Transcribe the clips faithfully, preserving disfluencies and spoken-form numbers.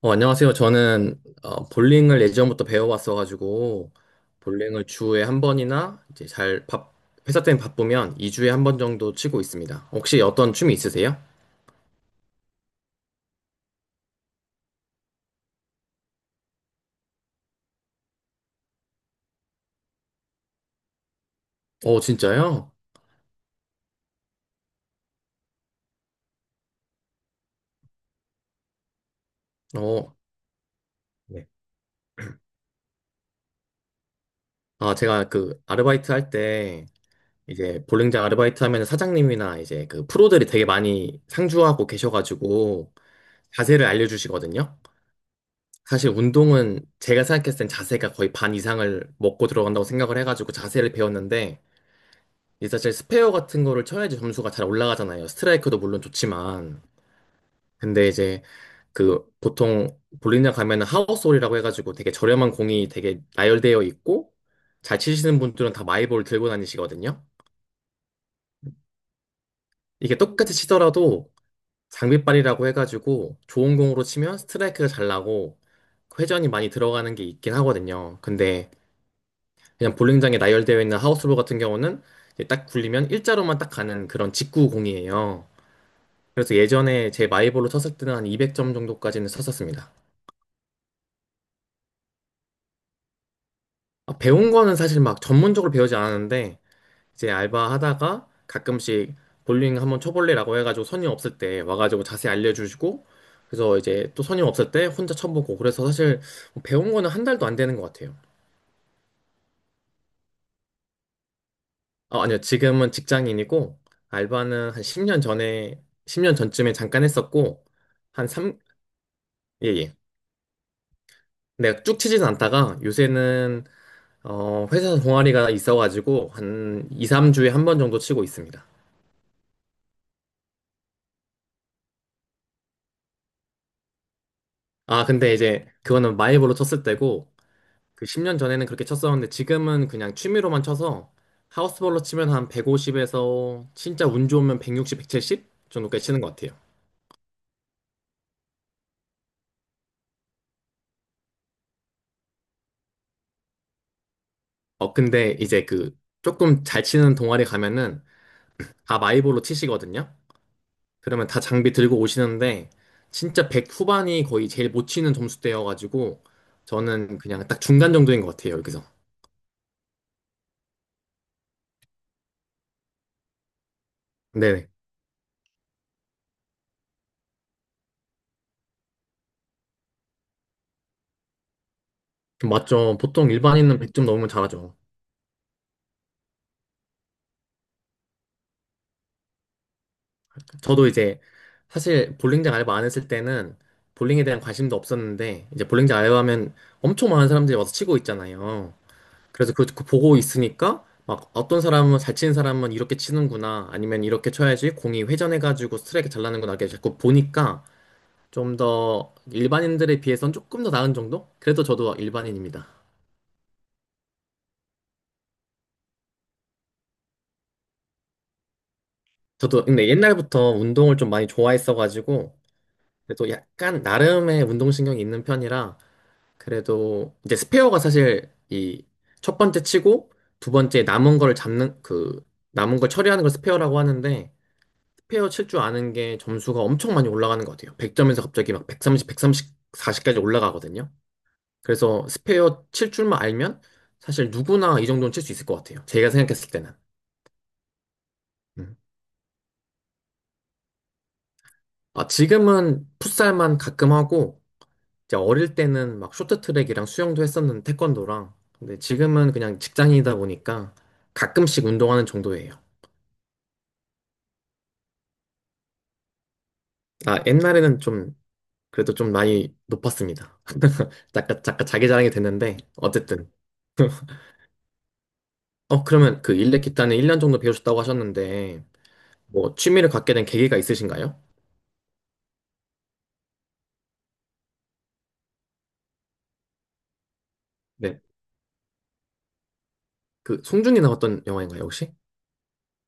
어, 안녕하세요. 저는 어, 볼링을 예전부터 배워왔어가지고 볼링을 주에 한 번이나 이제 잘 밥, 회사 때문에 바쁘면 이 주에 한 번 정도 치고 있습니다. 혹시 어떤 춤이 있으세요? 어, 진짜요? 어, 네. 아, 제가 그 아르바이트 할 때 이제 볼링장 아르바이트 하면 사장님이나 이제 그 프로들이 되게 많이 상주하고 계셔가지고 자세를 알려주시거든요. 사실 운동은 제가 생각했을 땐 자세가 거의 반 이상을 먹고 들어간다고 생각을 해가지고 자세를 배웠는데 이제 사실 스페어 같은 거를 쳐야지 점수가 잘 올라가잖아요. 스트라이크도 물론 좋지만. 근데 이제 그 보통 볼링장 가면은 하우스홀이라고 해가지고 되게 저렴한 공이 되게 나열되어 있고 잘 치시는 분들은 다 마이볼 들고 다니시거든요. 이게 똑같이 치더라도 장비빨이라고 해가지고 좋은 공으로 치면 스트라이크가 잘 나고 회전이 많이 들어가는 게 있긴 하거든요. 근데 그냥 볼링장에 나열되어 있는 하우스홀 같은 경우는 이제 딱 굴리면 일자로만 딱 가는 그런 직구 공이에요. 그래서 예전에 제 마이볼로 쳤을 때는 한 이백 점 정도까지는 쳤었습니다. 아, 배운 거는 사실 막 전문적으로 배우지 않았는데 이제 알바하다가 가끔씩 볼링 한번 쳐볼래라고 해가지고 손님 없을 때 와가지고 자세히 알려주시고 그래서 이제 또 손님 없을 때 혼자 쳐보고 그래서 사실 뭐 배운 거는 한 달도 안 되는 것 같아요. 아, 아니요. 지금은 직장인이고 알바는 한 십 년 전에 십 년 전쯤에 잠깐 했었고 한 삼, 예, 예. 내가 쭉 치진 않다가 요새는 어, 회사 동아리가 있어가지고 한 두, 삼 주에 한 번 정도 치고 있습니다. 아, 근데 이제 그거는 마이볼로 쳤을 때고 그 십 년 전에는 그렇게 쳤었는데 지금은 그냥 취미로만 쳐서 하우스볼로 치면 한 백오십에서 진짜 운 좋으면 백육십, 백칠십 정도까지 치는 것 같아요. 어, 근데 이제 그 조금 잘 치는 동아리 가면은 다 마이볼로 치시거든요. 그러면 다 장비 들고 오시는데 진짜 백 후반이 거의 제일 못 치는 점수대여가지고 저는 그냥 딱 중간 정도인 것 같아요, 여기서. 네. 맞죠. 보통 일반인은 백 점 넘으면 잘하죠. 저도 이제 사실 볼링장 알바 안 했을 때는 볼링에 대한 관심도 없었는데 이제 볼링장 알바하면 엄청 많은 사람들이 와서 치고 있잖아요. 그래서 그거 그 보고 있으니까 막 어떤 사람은 잘 치는 사람은 이렇게 치는구나 아니면 이렇게 쳐야지 공이 회전해가지고 스트라이크 잘 나는구나 이렇게 자꾸 보니까 좀 더 일반인들에 비해선 조금 더 나은 정도? 그래도 저도 일반인입니다. 저도 근데 옛날부터 운동을 좀 많이 좋아했어가지고 그래도 약간 나름의 운동신경이 있는 편이라 그래도 이제 스페어가 사실 이 첫 번째 치고 두 번째 남은 거를 잡는 그 남은 걸 처리하는 걸 스페어라고 하는데 스페어 칠 줄 아는 게 점수가 엄청 많이 올라가는 것 같아요. 백 점에서 갑자기 막 백삼십, 일 삼 사십까지 올라가거든요. 그래서 스페어 칠 줄만 알면 사실 누구나 이 정도는 칠 수 있을 것 같아요. 제가 생각했을 때는. 음. 아, 지금은 풋살만 가끔 하고 이제 어릴 때는 막 쇼트트랙이랑 수영도 했었는데 태권도랑 근데 지금은 그냥 직장인이다 보니까 가끔씩 운동하는 정도예요. 아, 옛날에는 좀 그래도 좀 많이 높았습니다. 잠깐 잠깐 자기 자랑이 됐는데 어쨌든 어 그러면 그 일렉 기타는 일 년 정도 배우셨다고 하셨는데 뭐 취미를 갖게 된 계기가 있으신가요? 네. 그 송중기 나왔던 영화인가요, 혹시?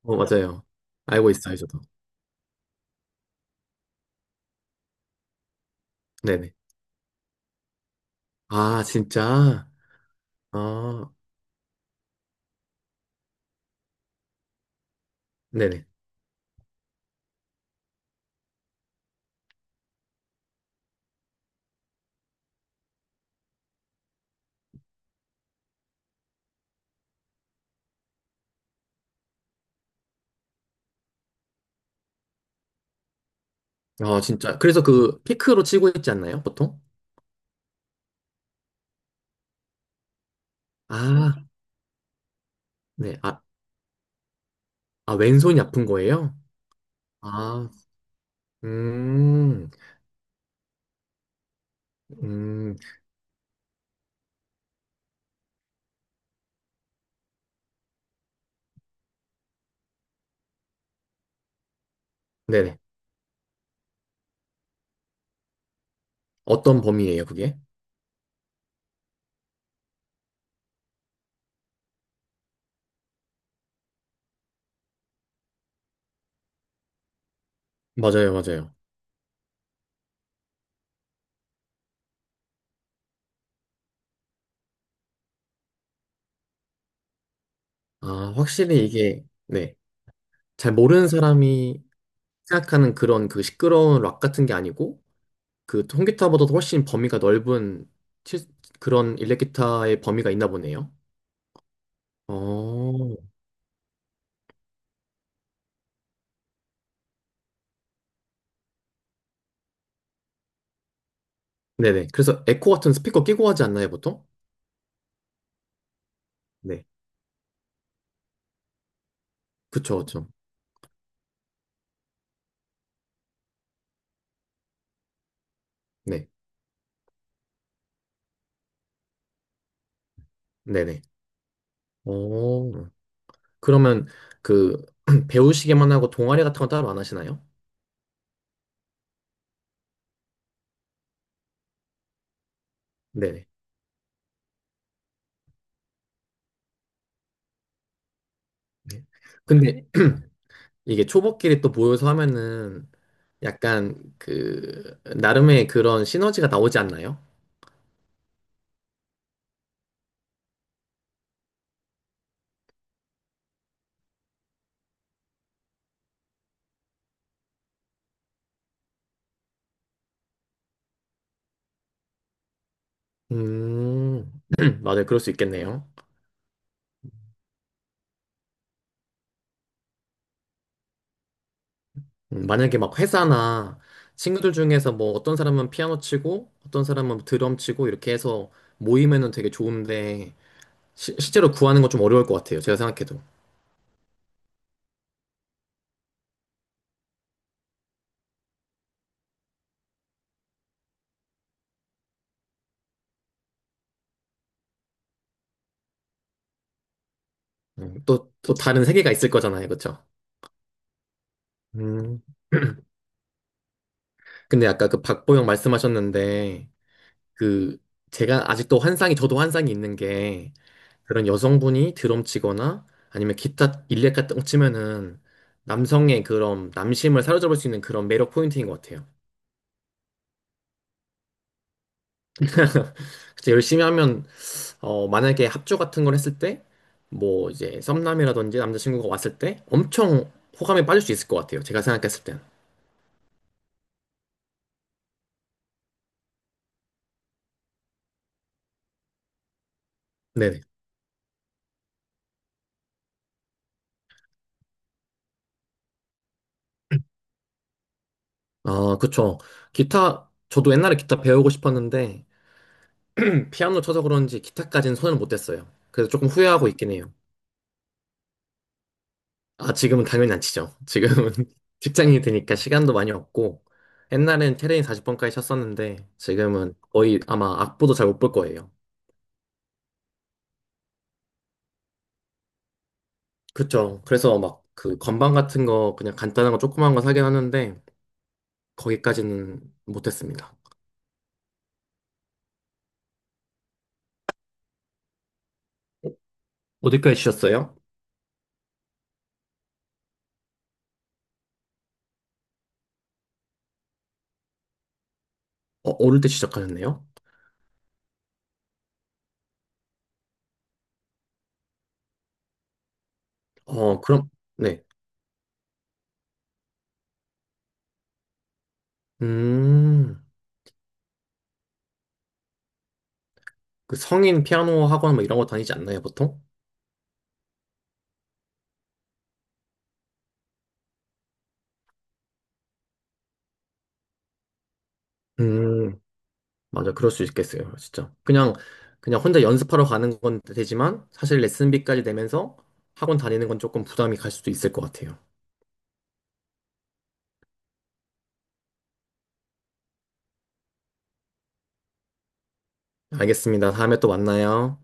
어, 맞아요. 알고 있어요, 저도. 네네. 아, 진짜? 아, 네네. 아, 진짜. 그래서 그 피크로 치고 있지 않나요, 보통? 아, 네. 아, 아, 왼손이 아픈 거예요? 아, 음, 음, 네네. 어떤 범위예요, 그게? 맞아요, 맞아요. 아, 확실히 이게, 네. 잘 모르는 사람이 생각하는 그런 그 시끄러운 락 같은 게 아니고, 그 통기타보다도 훨씬 범위가 넓은 치- 그런 일렉기타의 범위가 있나 보네요. 어, 네네. 그래서 에코 같은 스피커 끼고 하지 않나요, 보통? 네. 그쵸, 그쵸. 네. 네네. 어, 그러면 그 배우시기만 하고 동아리 같은 건 따로 안 하시나요? 네네. 네. 근데 이게 초보끼리 또 모여서 하면은 약간 그 나름의 그런 시너지가 나오지 않나요? 음, 맞아요. 그럴 수 있겠네요. 음, 만약에 막 회사나 친구들 중에서 뭐 어떤 사람은 피아노 치고 어떤 사람은 드럼 치고 이렇게 해서 모이면은 되게 좋은데 시- 실제로 구하는 건 좀 어려울 것 같아요. 제가 생각해도. 음, 또, 또 다른 세계가 있을 거잖아요. 그쵸? 음. 근데 아까 그 박보영 말씀하셨는데 그 제가 아직도 환상이 저도 환상이 있는 게 그런 여성분이 드럼 치거나 아니면 기타 일렉 같은 거 치면은 남성의 그런 남심을 사로잡을 수 있는 그런 매력 포인트인 것 같아요. 진짜 열심히 하면 어 만약에 합주 같은 걸 했을 때 뭐 이제 썸남이라든지 남자친구가 왔을 때 엄청 호감에 빠질 수 있을 것 같아요. 제가 생각했을 땐. 네네. 아, 그쵸. 기타 저도 옛날에 기타 배우고 싶었는데 피아노 쳐서 그런지 기타까지는 손을 못 댔어요. 그래서 조금 후회하고 있긴 해요. 아, 지금은 당연히 안 치죠. 지금은 직장인이 되니까 시간도 많이 없고, 옛날엔 테레인 사십 번까지 쳤었는데, 지금은 거의 아마 악보도 잘 못 볼 거예요. 그쵸. 그래서 막 그 건반 같은 거, 그냥 간단한 거 조그만 거 사긴 하는데, 거기까지는 못했습니다. 어디까지 치셨어요? 어, 어릴 때 시작하셨네요? 어, 그럼, 네. 음, 그 성인 피아노 학원 뭐 이런 거 다니지 않나요, 보통? 음, 맞아, 그럴 수 있겠어요, 진짜. 그냥, 그냥 혼자 연습하러 가는 건 되지만, 사실 레슨비까지 내면서 학원 다니는 건 조금 부담이 갈 수도 있을 것 같아요. 알겠습니다. 다음에 또 만나요.